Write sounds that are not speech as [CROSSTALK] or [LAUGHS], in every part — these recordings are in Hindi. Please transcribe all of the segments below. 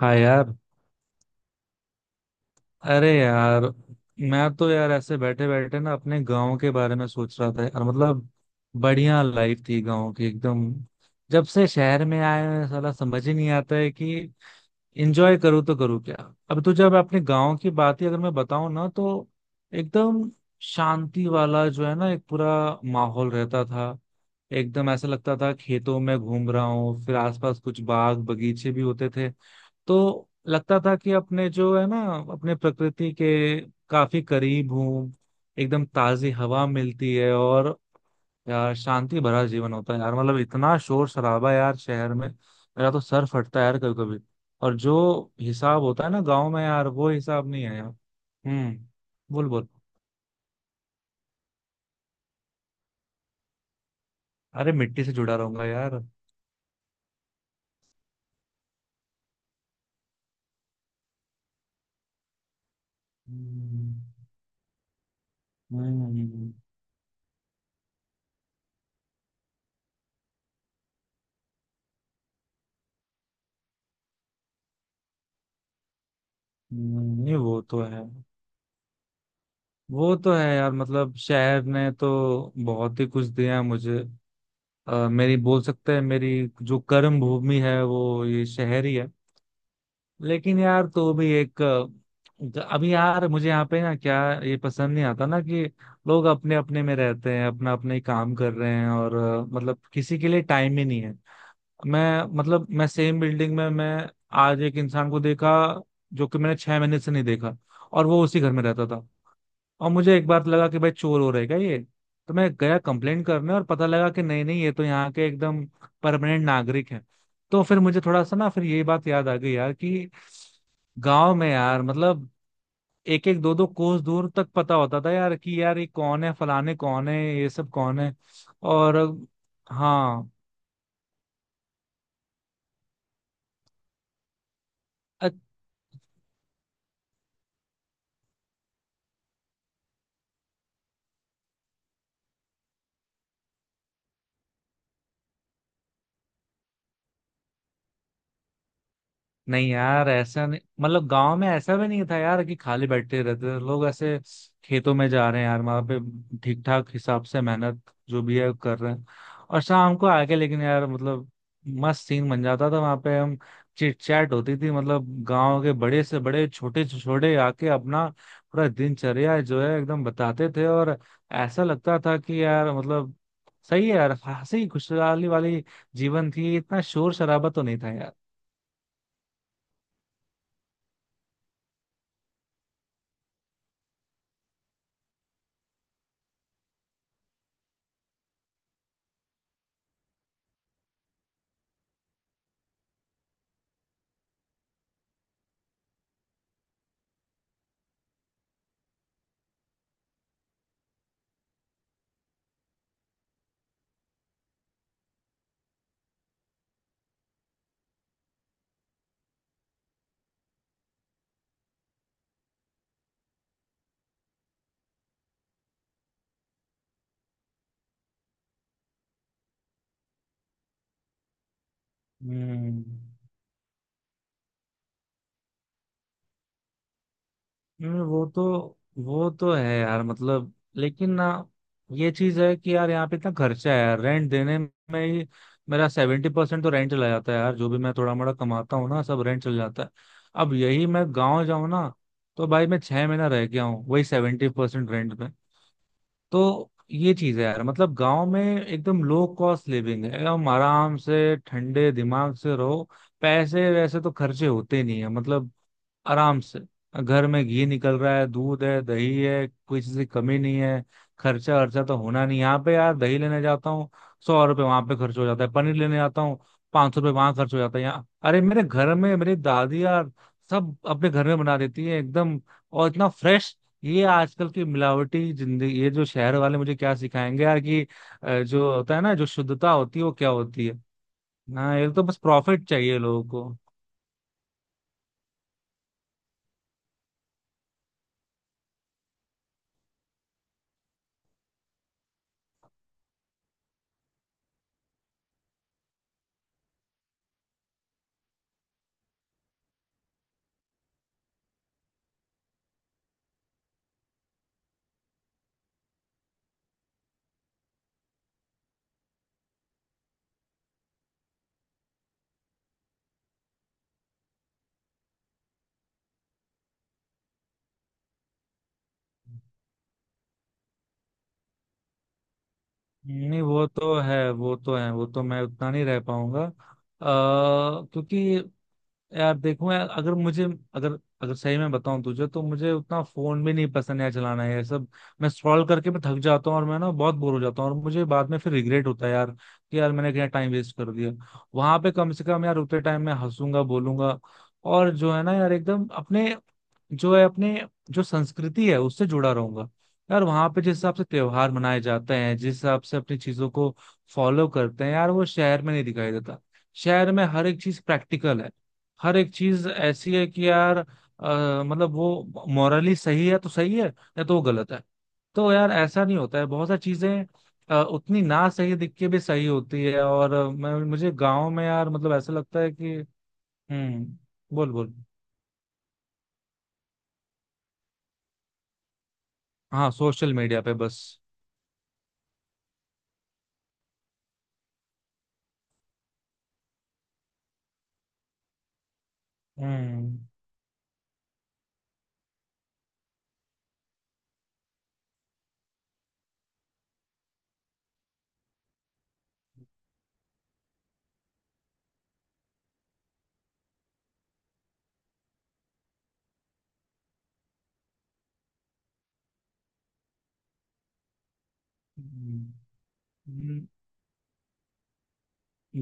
हाँ यार। अरे यार। मैं तो यार ऐसे बैठे बैठे ना अपने गांव के बारे में सोच रहा था और मतलब बढ़िया लाइफ थी गांव की एकदम। जब से शहर में आए हैं, साला समझ ही नहीं आता है कि एंजॉय करूँ तो करूँ क्या। अब तो जब अपने गांव की बात ही अगर मैं बताऊं ना तो एकदम शांति वाला जो है ना एक पूरा माहौल रहता था। एकदम ऐसा लगता था खेतों में घूम रहा हूँ, फिर आसपास कुछ बाग बगीचे भी होते थे। तो लगता था कि अपने जो है ना, अपने प्रकृति के काफी करीब हूँ। एकदम ताजी हवा मिलती है और यार शांति भरा जीवन होता है यार। मतलब इतना शोर शराबा यार, शहर में मेरा तो सर फटता है यार कभी कभी। और जो हिसाब होता है ना गांव में यार, वो हिसाब नहीं है यार। हम्म। बोल बोल। अरे मिट्टी से जुड़ा रहूंगा यार। हम्म हम्म, नहीं वो तो है। वो तो है यार, मतलब शहर ने तो बहुत ही कुछ दिया है मुझे। मेरी बोल सकते हैं मेरी जो कर्म भूमि है वो ये शहर ही है। लेकिन यार तो भी एक अभी यार मुझे यहाँ पे ना क्या ये पसंद नहीं आता ना कि लोग अपने अपने में रहते हैं, अपना अपने ही काम कर रहे हैं और मतलब किसी के लिए टाइम ही नहीं है। मैं मतलब मैं सेम बिल्डिंग में मैं आज एक इंसान को देखा जो कि मैंने 6 महीने से नहीं देखा, और वो उसी घर में रहता था। और मुझे एक बार लगा कि भाई चोर हो रहेगा ये, तो मैं गया कंप्लेंट करने और पता लगा कि नहीं नहीं, ये तो यहाँ के एकदम परमानेंट नागरिक है। तो फिर मुझे थोड़ा सा ना फिर ये बात याद आ गई यार कि गांव में यार मतलब एक एक दो दो कोस दूर तक पता होता था यार कि यार ये कौन है, फलाने कौन है, ये सब कौन है। और हाँ। नहीं यार ऐसा नहीं, मतलब गांव में ऐसा भी नहीं था यार कि खाली बैठे रहते थे लोग ऐसे। खेतों में जा रहे हैं यार, वहां पे ठीक ठाक हिसाब से मेहनत जो भी है कर रहे हैं। और शाम को आके लेकिन यार मतलब मस्त सीन बन जाता था वहां पे। हम चिट चैट होती थी, मतलब गांव के बड़े से बड़े छोटे से छोटे आके अपना पूरा दिनचर्या जो है एकदम बताते थे। और ऐसा लगता था कि यार मतलब सही है यार, हंसी खुशहाली वाली जीवन थी, इतना शोर शराबा तो नहीं था यार। हम्म। वो तो। वो तो है यार मतलब, लेकिन ना ये चीज है कि यार यहाँ पे इतना खर्चा है यार, रेंट देने में ही मेरा 70% तो रेंट चला जाता है यार। जो भी मैं थोड़ा मोड़ा कमाता हूँ ना सब रेंट चला जाता है। अब यही मैं गाँव जाऊँ ना, तो भाई मैं 6 महीना रह गया हूँ वही 70% रेंट पे। तो ये चीज है यार, मतलब गाँव में एकदम लो कॉस्ट लिविंग है, एकदम आराम से ठंडे दिमाग से रहो। पैसे वैसे तो खर्चे होते नहीं है, मतलब आराम से। घर में घी निकल रहा है, दूध है, दही है, कोई चीज की कमी नहीं है। खर्चा खर्चा तो होना नहीं। यहाँ पे यार दही लेने जाता हूँ, 100 रुपये वहां पे खर्च हो जाता है। पनीर लेने जाता हूँ, 500 रुपये वहां खर्च हो जाता है यहाँ। अरे मेरे घर में मेरी दादी यार सब अपने घर में बना देती है एकदम, और इतना फ्रेश। ये आजकल की मिलावटी जिंदगी, ये जो शहर वाले मुझे क्या सिखाएंगे यार कि जो होता है ना, जो शुद्धता होती है वो क्या होती है। हाँ ये तो बस प्रॉफिट चाहिए लोगों को। नहीं वो तो है वो तो है, वो तो मैं उतना नहीं रह पाऊंगा क्योंकि यार देखो यार, अगर मुझे अगर अगर सही में बताऊं तुझे तो मुझे उतना फोन भी नहीं पसंद है चलाना है। ये सब मैं स्क्रॉल करके मैं थक जाता हूँ और मैं ना बहुत बोर हो जाता हूँ और मुझे बाद में फिर रिग्रेट होता है यार कि यार मैंने क्या टाइम वेस्ट कर दिया। वहां पे कम से कम यार उतने टाइम मैं हंसूंगा बोलूंगा, और जो है ना यार एकदम अपने, जो है अपने, जो संस्कृति है उससे जुड़ा रहूंगा। यार वहां पे जिस हिसाब से त्योहार मनाए जाते हैं, जिस हिसाब से अपनी चीजों को फॉलो करते हैं यार, वो शहर में नहीं दिखाई देता। शहर में हर एक चीज प्रैक्टिकल है, हर एक चीज ऐसी है कि यार मतलब वो मॉरली सही है तो सही है, या तो वो गलत है। तो यार ऐसा नहीं होता है, बहुत सारी चीजें उतनी ना सही दिख के भी सही होती है। और मैं मुझे गांव में यार मतलब ऐसा लगता है कि। हम्म। बोल बोल। हाँ सोशल मीडिया पे बस। हम्म। हम्म,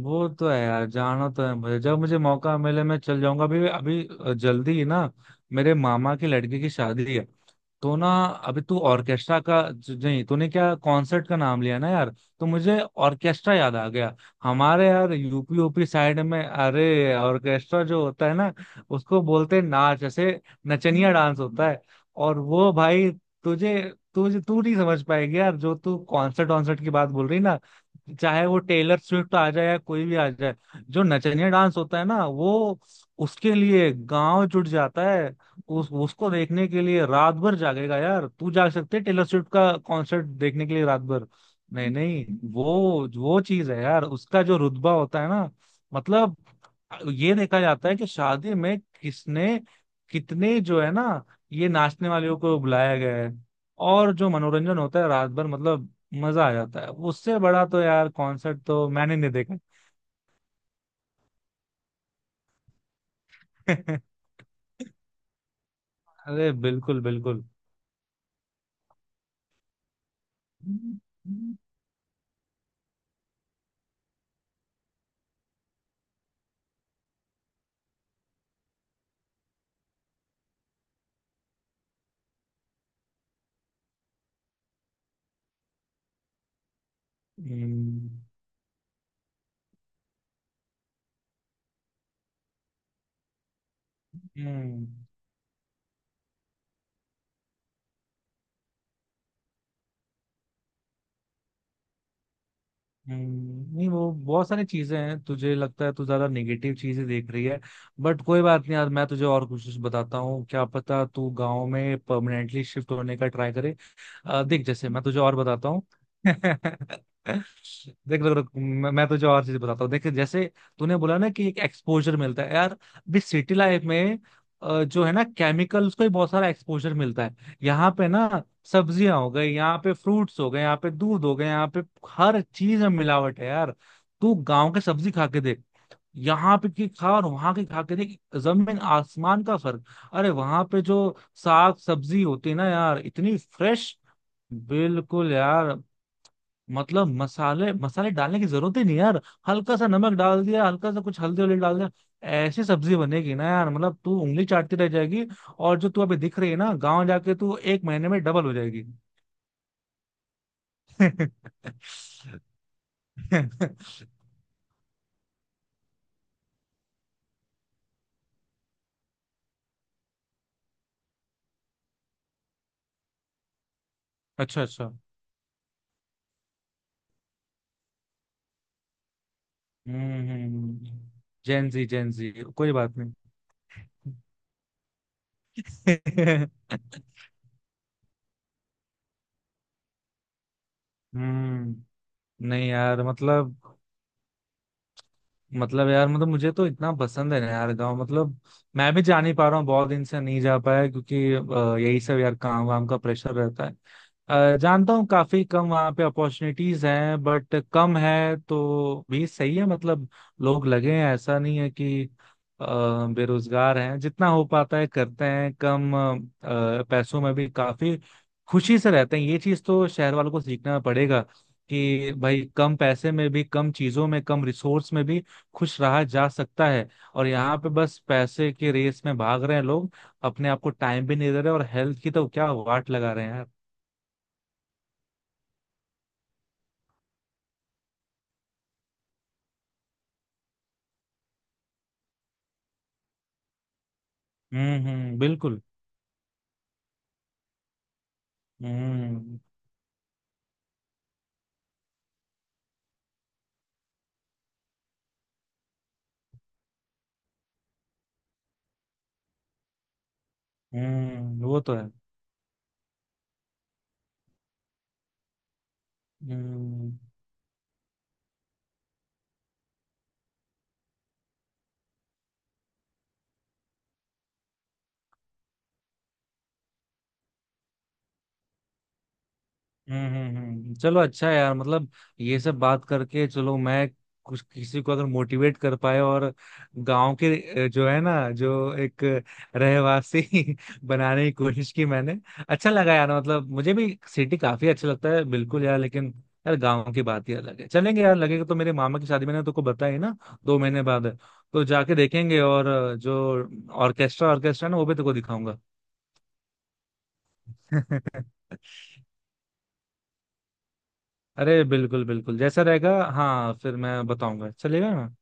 वो तो है यार, जाना तो है मुझे, जब मुझे मौका मिले मैं चल जाऊंगा अभी अभी जल्दी ही ना। मेरे मामा की लड़की की शादी है तो ना, अभी तू ऑर्केस्ट्रा का नहीं, तूने क्या कॉन्सर्ट का नाम लिया ना यार, तो मुझे ऑर्केस्ट्रा याद आ गया। हमारे यार यूपी यूपी साइड में अरे ऑर्केस्ट्रा जो होता है ना, उसको बोलते हैं नाच ऐसे, नचनिया डांस होता है। और वो भाई तुझे तुझे तू नहीं समझ पाएगी यार, जो तू कॉन्सर्ट वॉन्सर्ट की बात बोल रही ना, चाहे वो टेलर स्विफ्ट आ जाए या कोई भी आ जाए, जो नचनिया डांस होता है ना वो, उसके लिए गांव जुट जाता है। उस उसको देखने के लिए रात भर जागेगा यार, तू जाग सकते है टेलर स्विफ्ट का कॉन्सर्ट देखने के लिए रात भर? नहीं नहीं। वो वो चीज है यार, उसका जो रुतबा होता है ना, मतलब ये देखा जाता है कि शादी में किसने कितने जो है ना ये नाचने वालों को बुलाया गया है, और जो मनोरंजन होता है रात भर, मतलब मजा आ जाता है। उससे बड़ा तो यार कॉन्सर्ट तो मैंने नहीं देखा। [LAUGHS] अरे बिल्कुल बिल्कुल। हम्म हम्म नहीं वो बहुत सारी चीजें हैं, तुझे लगता है तू ज्यादा नेगेटिव चीजें देख रही है, बट कोई बात नहीं यार, मैं तुझे और कुछ कुछ बताता हूँ, क्या पता तू गांव में परमानेंटली शिफ्ट होने का ट्राई करे। देख जैसे मैं तुझे और बताता हूँ। [LAUGHS] देख रुक रुक, मैं तुझे और चीज बताता हूँ। देख जैसे तूने बोला ना कि एक एक्सपोजर मिलता है यार अभी सिटी लाइफ में। जो है ना, केमिकल्स को ही बहुत सारा एक्सपोजर मिलता है यहाँ पे ना। सब्जियां हो गई यहाँ पे, फ्रूट्स हो गए यहाँ पे, दूध हो गए यहाँ पे, हर चीज में मिलावट है यार। तू गांव के सब्जी खा के देख, यहाँ पे की खा और वहां की खा के देख, जमीन आसमान का फर्क। अरे वहां पे जो साग सब्जी होती है ना यार, इतनी फ्रेश। बिल्कुल यार। मतलब मसाले मसाले डालने की जरूरत ही नहीं यार, हल्का सा नमक डाल दिया, हल्का सा कुछ हल्दी वल्दी डाल दिया, ऐसी सब्जी बनेगी ना यार, मतलब तू उंगली चाटती रह जाएगी। और जो तू अभी दिख रही है ना, गांव जाके तू एक महीने में डबल हो जाएगी। [LAUGHS] अच्छा अच्छा। हम्म। जेनजी जेनजी, कोई बात नहीं। [LAUGHS] हम्म। नहीं यार मतलब, मतलब यार मतलब मुझे तो इतना पसंद है ना यार गांव, मतलब मैं भी जा नहीं पा रहा हूँ, बहुत दिन से नहीं जा पाया क्योंकि यही सब यार काम वाम का प्रेशर रहता है। जानता हूँ काफी कम वहाँ पे अपॉर्चुनिटीज हैं, बट कम है तो भी सही है मतलब। लोग लगे हैं, ऐसा नहीं है कि अ, बेरोजगार हैं, जितना हो पाता है करते हैं, कम पैसों में भी काफी खुशी से रहते हैं। ये चीज तो शहर वालों को सीखना पड़ेगा, कि भाई कम पैसे में भी, कम चीजों में, कम रिसोर्स में भी खुश रहा जा सकता है। और यहाँ पे बस पैसे की रेस में भाग रहे हैं लोग, अपने आप को टाइम भी नहीं दे रहे, और हेल्थ की तो क्या वाट लगा रहे हैं यार। हम्म। बिल्कुल। हम्म हम्म। वो तो है। हम्म चलो अच्छा है यार, मतलब ये सब बात करके चलो मैं कुछ किसी को अगर मोटिवेट कर पाए, और गांव के जो है ना, जो एक रहवासी [LAUGHS] बनाने की कोशिश की मैंने, अच्छा लगा यार मतलब। मुझे भी सिटी काफी अच्छा लगता है बिल्कुल यार, लेकिन यार गांव की बात ही अलग है। चलेंगे यार, लगेगा तो मेरे मामा की शादी मैंने तुमको बताई ना, 2 महीने बाद है, तो जाके देखेंगे, और जो ऑर्केस्ट्रा ऑर्केस्ट्रा ना, वो भी तुमको दिखाऊंगा। [LAUGHS] अरे बिल्कुल बिल्कुल, जैसा रहेगा हाँ फिर मैं बताऊंगा, चलेगा ना?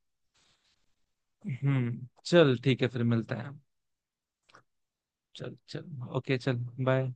चल ठीक है, फिर मिलते हैं हम। चल चल, ओके चल, बाय।